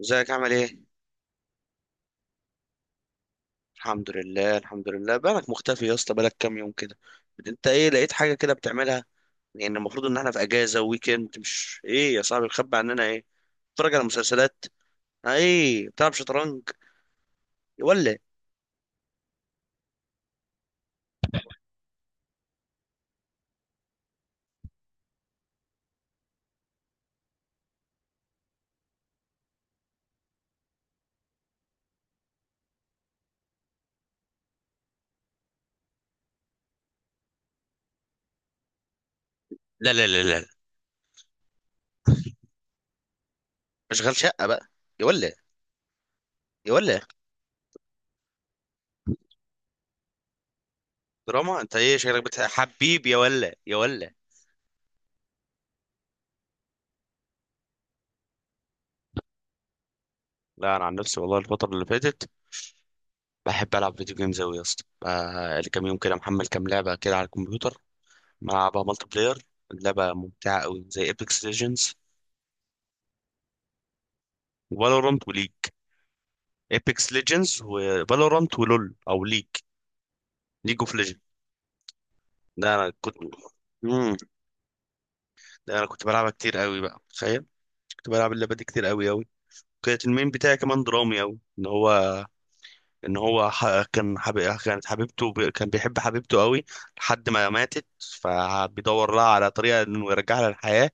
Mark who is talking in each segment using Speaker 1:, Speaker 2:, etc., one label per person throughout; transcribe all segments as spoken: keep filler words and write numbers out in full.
Speaker 1: ازيك عامل ايه؟ الحمد لله، الحمد لله. بالك مختفي يا اسطى، بالك كام يوم كده. انت ايه؟ لقيت حاجة كده بتعملها؟ يعني المفروض ان احنا في اجازة ويكند، مش ايه يا صاحبي؟ مخبي عننا ايه؟ بتتفرج على مسلسلات؟ اه، ايه بتلعب شطرنج؟ يولع. لا لا لا لا اشغال شقة بقى. يولع. يولع. دراما؟ انت ايه شكلك؟ بتح... حبيبي يا ولا، يا ولا. لا، انا عن نفسي والله الفترة اللي فاتت بحب العب فيديو جيمز اوي يا اسطى. بقى لي كام يوم كده محمل كام لعبة كده على الكمبيوتر. ملعبها مالتي بلاير. اللعبة ممتعة أوي، زي ايبكس ليجندز وفالورانت وليج. ايبكس ليجندز وفالورانت ولول أو ليج، ليج اوف ليجند. ده أنا كنت. مم. ده أنا كنت بلعبها كتير أوي بقى، تخيل. كنت بلعب اللعبة دي كتير أوي أوي. كانت المين بتاعي كمان درامي أوي، إن هو إن هو ح... كان حب... كانت حبيبته ب... كان بيحب حبيبته أوي، لحد ما ماتت. فبيدور لها على طريقة إنه يرجعها للحياة.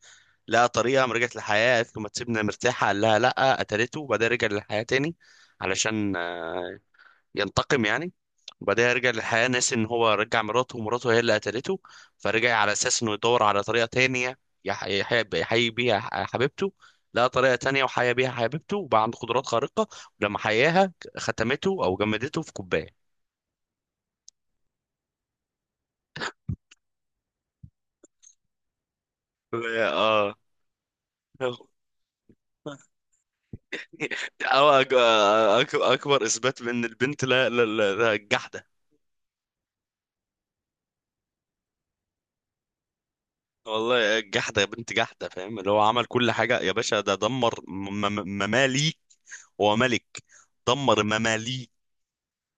Speaker 1: لقى طريقه، قام رجعت للحياه، قالت له ما تسيبنا مرتاحه، قال لها لا، قتلته، وبعدين رجع للحياه تاني. علشان آه، ينتقم يعني. وبعدين رجع للحياه ناسي ان هو رجع مراته، ومراته هي اللي قتلته. فرجع على اساس انه يدور على طريقه تانية يح- يحيي يحيي بيها ح- حبيبته. لقى طريقه تانية وحيا بيها حبيبته، وبقى عنده قدرات خارقه. ولما حياها ختمته او جمدته في كوبايه. اه. أو أك- أك- اكبر اثبات من البنت، لا لا لا لا- الجحد. والله آه، جحدة يا بنت، جحدة. فاهم؟ اللي هو عمل كل حاجة يا باشا. ده دمر م- م- مماليك. هو ملك. دمر مماليك.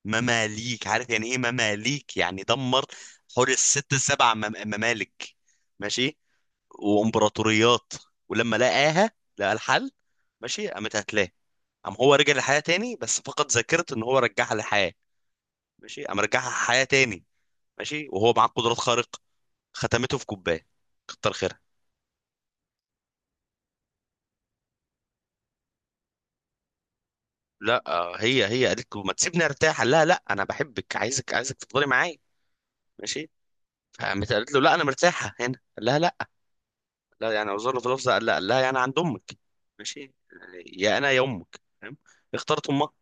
Speaker 1: مماليك، عارف يعني ايه مماليك؟ يعني دمر حوالي الست سبع مم- ممالك. ماشي، وامبراطوريات. ولما لقاها، لقى الحل. ماشي، قامت هتلاه. قام هو رجع للحياة تاني، بس فقد ذاكرة ان هو رجعها للحياة. ماشي، قام رجعها حياة تاني. ماشي، وهو معاه قدرات خارقة. ختمته في كوباية. كتر خيرها. لا، هي هي قالت له ما تسيبني ارتاح، قال لها لا، انا بحبك، عايزك عايزك تفضلي معايا. ماشي. فقامت قالت له لا، انا مرتاحه هنا، قال لها لا. لا يعني وزارة في لفظه، قال لها، قال لها يعني عند امك. ماشي، يا انا يا امك، فاهم؟ اختارت امها.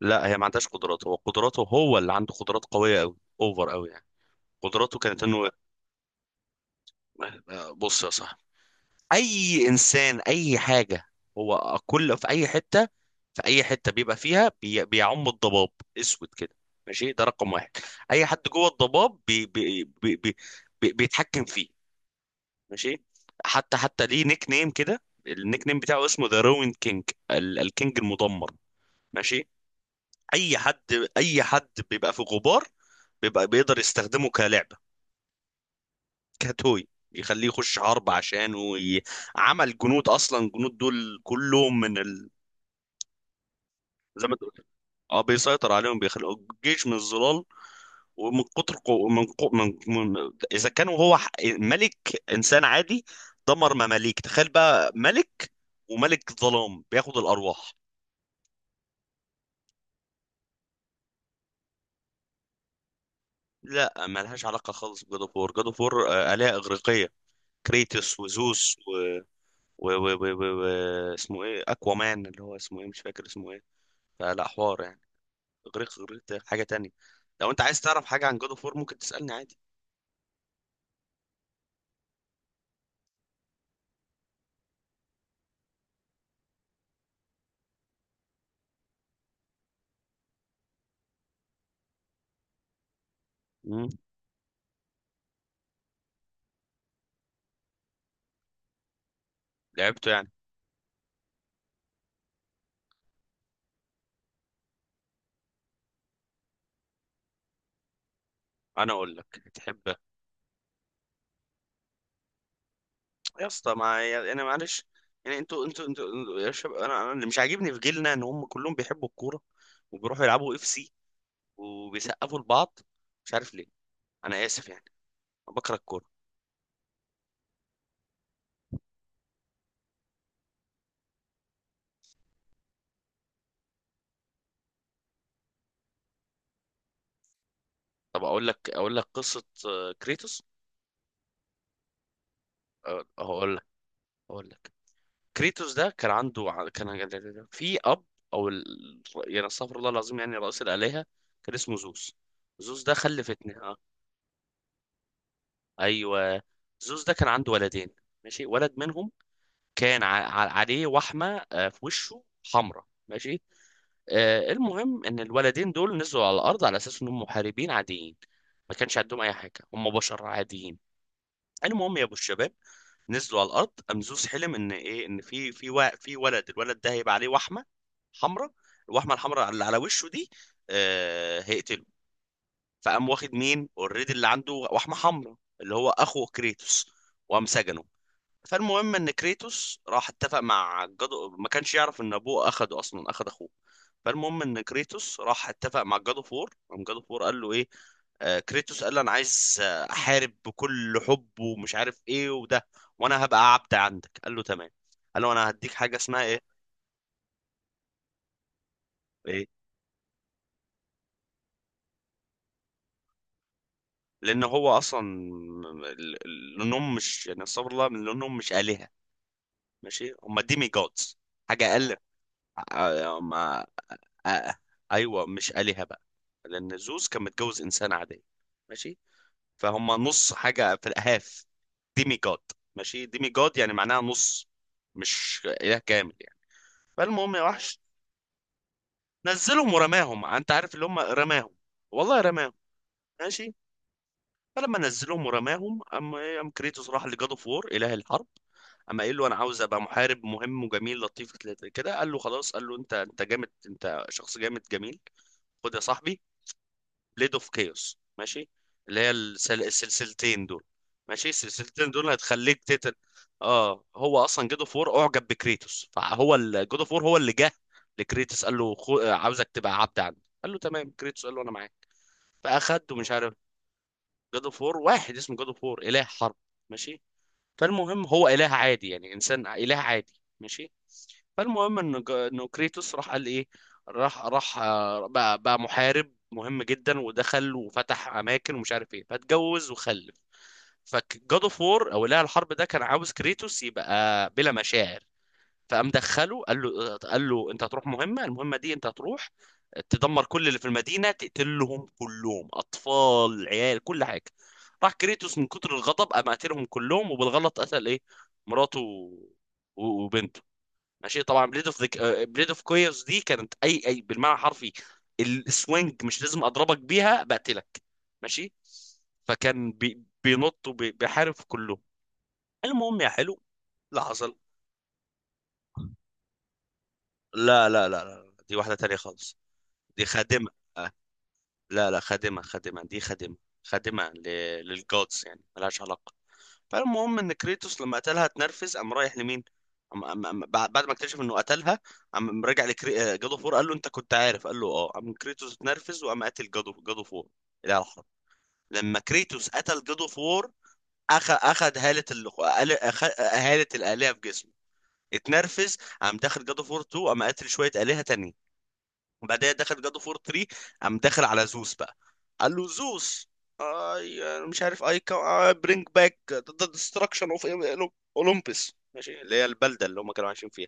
Speaker 1: لا، هي ما عندهاش قدرات. هو قدراته، هو اللي عنده قدرات قويه قوي، اوفر قوي يعني. قدراته كانت انه آه، بص يا صاحبي، اي انسان، اي حاجه، هو كل في اي حته، في اي حته بيبقى فيها بي... بيعم الضباب، اسود كده. ماشي، ده رقم واحد. اي حد جوه الضباب بي... بي... بي... بي... بي... بيتحكم فيه. ماشي. حتى حتى ليه نيك نيم كده، النيك نيم بتاعه اسمه ذا روين كينج، ال... الكينج المدمر. ماشي. اي حد، اي حد بيبقى في غبار، بيبقى بيقدر يستخدمه كلعبه، كتوي يخليه يخش حرب عشانه وي... عمل جنود. اصلا الجنود دول كلهم من، زي ما تقول، اه بيسيطر عليهم، بيخلق جيش من الظلال. ومن كتر قو... من, قو... من... من، اذا كان هو ح... ملك انسان عادي دمر مماليك، تخيل بقى ملك، وملك ظلام بياخد الارواح. لا، ملهاش علاقه خالص بجود اوف وور. جود اوف وور آه، الهه اغريقيه، كريتوس وزوس و... و... و... و... و... و... اسمه ايه، اكوامان، اللي هو اسمه ايه، مش فاكر اسمه ايه. فلا حوار يعني. اغريق، اغريق ده حاجه تانية. لو انت عايز تعرف حاجه عن جود اوف وور ممكن تسالني عادي. مم. لعبته يعني. انا اقول لك، تحب يا اسطى؟ ما يعني انا معلش يعني، انتوا انتوا انتوا يا شباب، انا انا اللي مش عاجبني في جيلنا ان هم كلهم بيحبوا الكوره وبيروحوا يلعبوا اف سي وبيسقفوا لبعض، مش عارف ليه. انا اسف يعني، أنا بكره الكوره. طب اقول لك، اقول لك قصه آه، كريتوس. آه، هقول لك، هقول لك. كريتوس ده كان عنده ع- كان في اب، او ال... يعني استغفر الله العظيم، يعني رئيس الالهه، كان اسمه زوس. زوس ده خلف اتنين، اه. ايوه، زوس ده كان عنده ولدين. ماشي، ولد منهم كان ع- ع- عليه وحمه آه، في وشه حمراء. ماشي. آه، المهم ان الولدين دول نزلوا على الارض على اساس انهم محاربين عاديين، ما كانش عندهم اي حاجه، هم بشر عاديين. المهم يا ابو الشباب، نزلوا على الارض. قام زوس حلم ان ايه، ان في، في و- في ولد، الولد ده هيبقى عليه وحمه حمراء، الوحمه الحمراء اللي على وشه دي، آه، هيقتله. فقام واخد مين اوريدي اللي عنده وحمه حمراء، اللي هو اخو كريتوس، وقام سجنه. فالمهم ان كريتوس راح اتفق مع جادو، ما كانش يعرف ان ابوه اخده، اصلا اخد اخوه. فالمهم ان كريتوس راح اتفق مع جادو فور. قام جادو فور قال له ايه، آه كريتوس قال له انا عايز آه، احارب بكل حب ومش عارف ايه وده، وانا هبقى عبد عندك. قال له تمام. قال له انا هديك حاجه اسمها ايه. ايه. لان هو اصلا، ال- ال- لانهم مش يعني استغفر الله، لانهم مش الهه. ماشي، هم ديمي جودز، حاجه اقل. آه، آه، ما آه، آه، ايوه، مش آلهة بقى. لان زوس كان متجوز انسان عادي. ماشي، فهم نص حاجة في الاهاف. ديمي جاد. ماشي، ديمي جاد يعني معناها نص، مش اله كامل يعني. فالمهم يا وحش، نزلهم ورماهم، انت عارف اللي هم رماهم، والله رماهم. ماشي. فلما نزلهم ورماهم، ام إيه، ام كريتوس راح لجاد اوف وور، اله الحرب. اما قال له انا عاوز ابقى محارب مهم وجميل لطيف كده، قال له خلاص، قال له انت انت جامد، انت شخص جامد جميل. خد يا صاحبي، بليد اوف كيوس. ماشي، اللي هي السل... السلسلتين دول. ماشي، السلسلتين دول هتخليك تتل. اه هو اصلا جود اوف وور اعجب بكريتوس، فهو جود اوف وور هو اللي جه لكريتوس قال له خو... آه، عاوزك تبقى عبد عندي. قال له تمام، كريتوس قال له انا معاك. فاخد ومش عارف. جود اوف وور واحد اسمه جود اوف وور، اله حرب. ماشي، فالمهم هو اله عادي يعني، انسان اله عادي. ماشي. فالمهم انه انه كريتوس راح قال ايه، راح راح آه، بقى بقى محارب مهم جدا، ودخل وفتح اماكن ومش عارف ايه، فاتجوز وخلف. فجاد اوف وور او اله الحرب ده كان عاوز كريتوس يبقى بلا مشاعر. فقام دخله، قال له قال له انت هتروح مهمه، المهمه دي انت هتروح تدمر كل اللي في المدينه، تقتلهم كلهم، اطفال، عيال، كل حاجه. راح كريتوس من كتر الغضب، قام قاتلهم كلهم، وبالغلط قتل ايه، مراته و- وبنته. ماشي. طبعا بليد اوف، بليد اوف كويرز دي، كانت اي اي بالمعنى الحرفي. السوينج مش لازم اضربك بيها بقتلك. ماشي. فكان بي بينط وبيحارب في كله. المهم يا حلو، لا حصل. لا لا لا لا، دي واحدة تانية خالص، دي خادمة. آه، لا لا، خادمة، خادمة، دي خادمة. خادمة ل- للجودز يعني، ملهاش علاقة. فالمهم ان كريتوس لما قتلها اتنرفز، قام رايح لمين، قام- قام- قام- بعد، بعد ما اكتشف انه قتلها، قام رجع لكري... جادو فور، قال له انت كنت عارف، قال له اه، قام كريتوس اتنرفز وقام قاتل جادو جادو فور، الاله الحرب. لما كريتوس قتل جادو فور، اخ اخد هالة ال... أخ... هالة الالهه في جسمه. اتنرفز، قام داخل جادو فور اتنين، قام قاتل شويه الهه تانية. وبعدها دخل جاد اوف وور تلاتة، قام داخل على زوس بقى، قال له زوس، اي، مش عارف اي، برينج باك ذا ديستراكشن اوف اولمبس. ماشي، اللي هي البلده اللي هم كانوا عايشين فيها.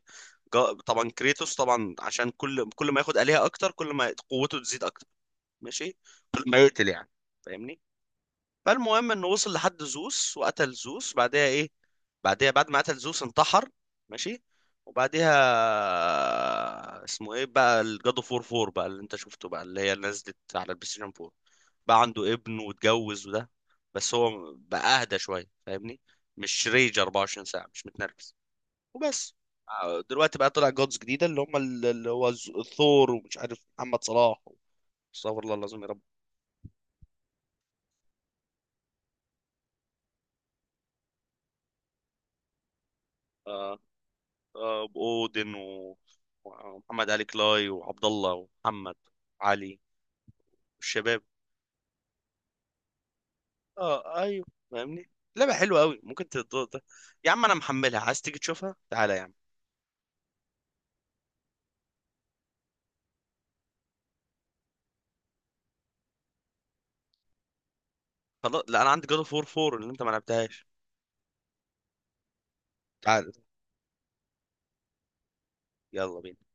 Speaker 1: جا- طبعا كريتوس، طبعا عشان كل كل ما ياخد آلهة اكتر، كل ما قوته تزيد اكتر. ماشي، كل ما يقتل يعني، فاهمني؟ فالمهم انه وصل لحد زوس، وقتل زوس. بعدها ايه؟ بعدها بعد ما قتل زوس انتحر. ماشي. وبعديها اسمه ايه بقى، الجادو فور فور بقى اللي انت شفته بقى، اللي هي اللي نزلت على البلاي ستيشن اربعة، بقى عنده ابن واتجوز وده، بس هو بقى اهدى شويه، فاهمني؟ مش ريج اربعة وعشرين ساعه، مش متنرفز. وبس. آه، دلوقتي بقى طلع جودز جديده، اللي هم ال- اللي هو ز- الثور، ومش عارف محمد صلاح، استغفر الله العظيم يا رب. آه، آه، واودن و- ومحمد علي كلاي، وعبد الله، ومحمد علي، والشباب. اه ايوه، فاهمني؟ لعبه حلوه قوي، ممكن تدور ده. يا عم انا محملها، عايز تيجي تشوفها تعالى يا عم. خلاص، لا انا عندي جاد اوف وور اربعة اللي انت ما لعبتهاش. تعالى، يلا بينا.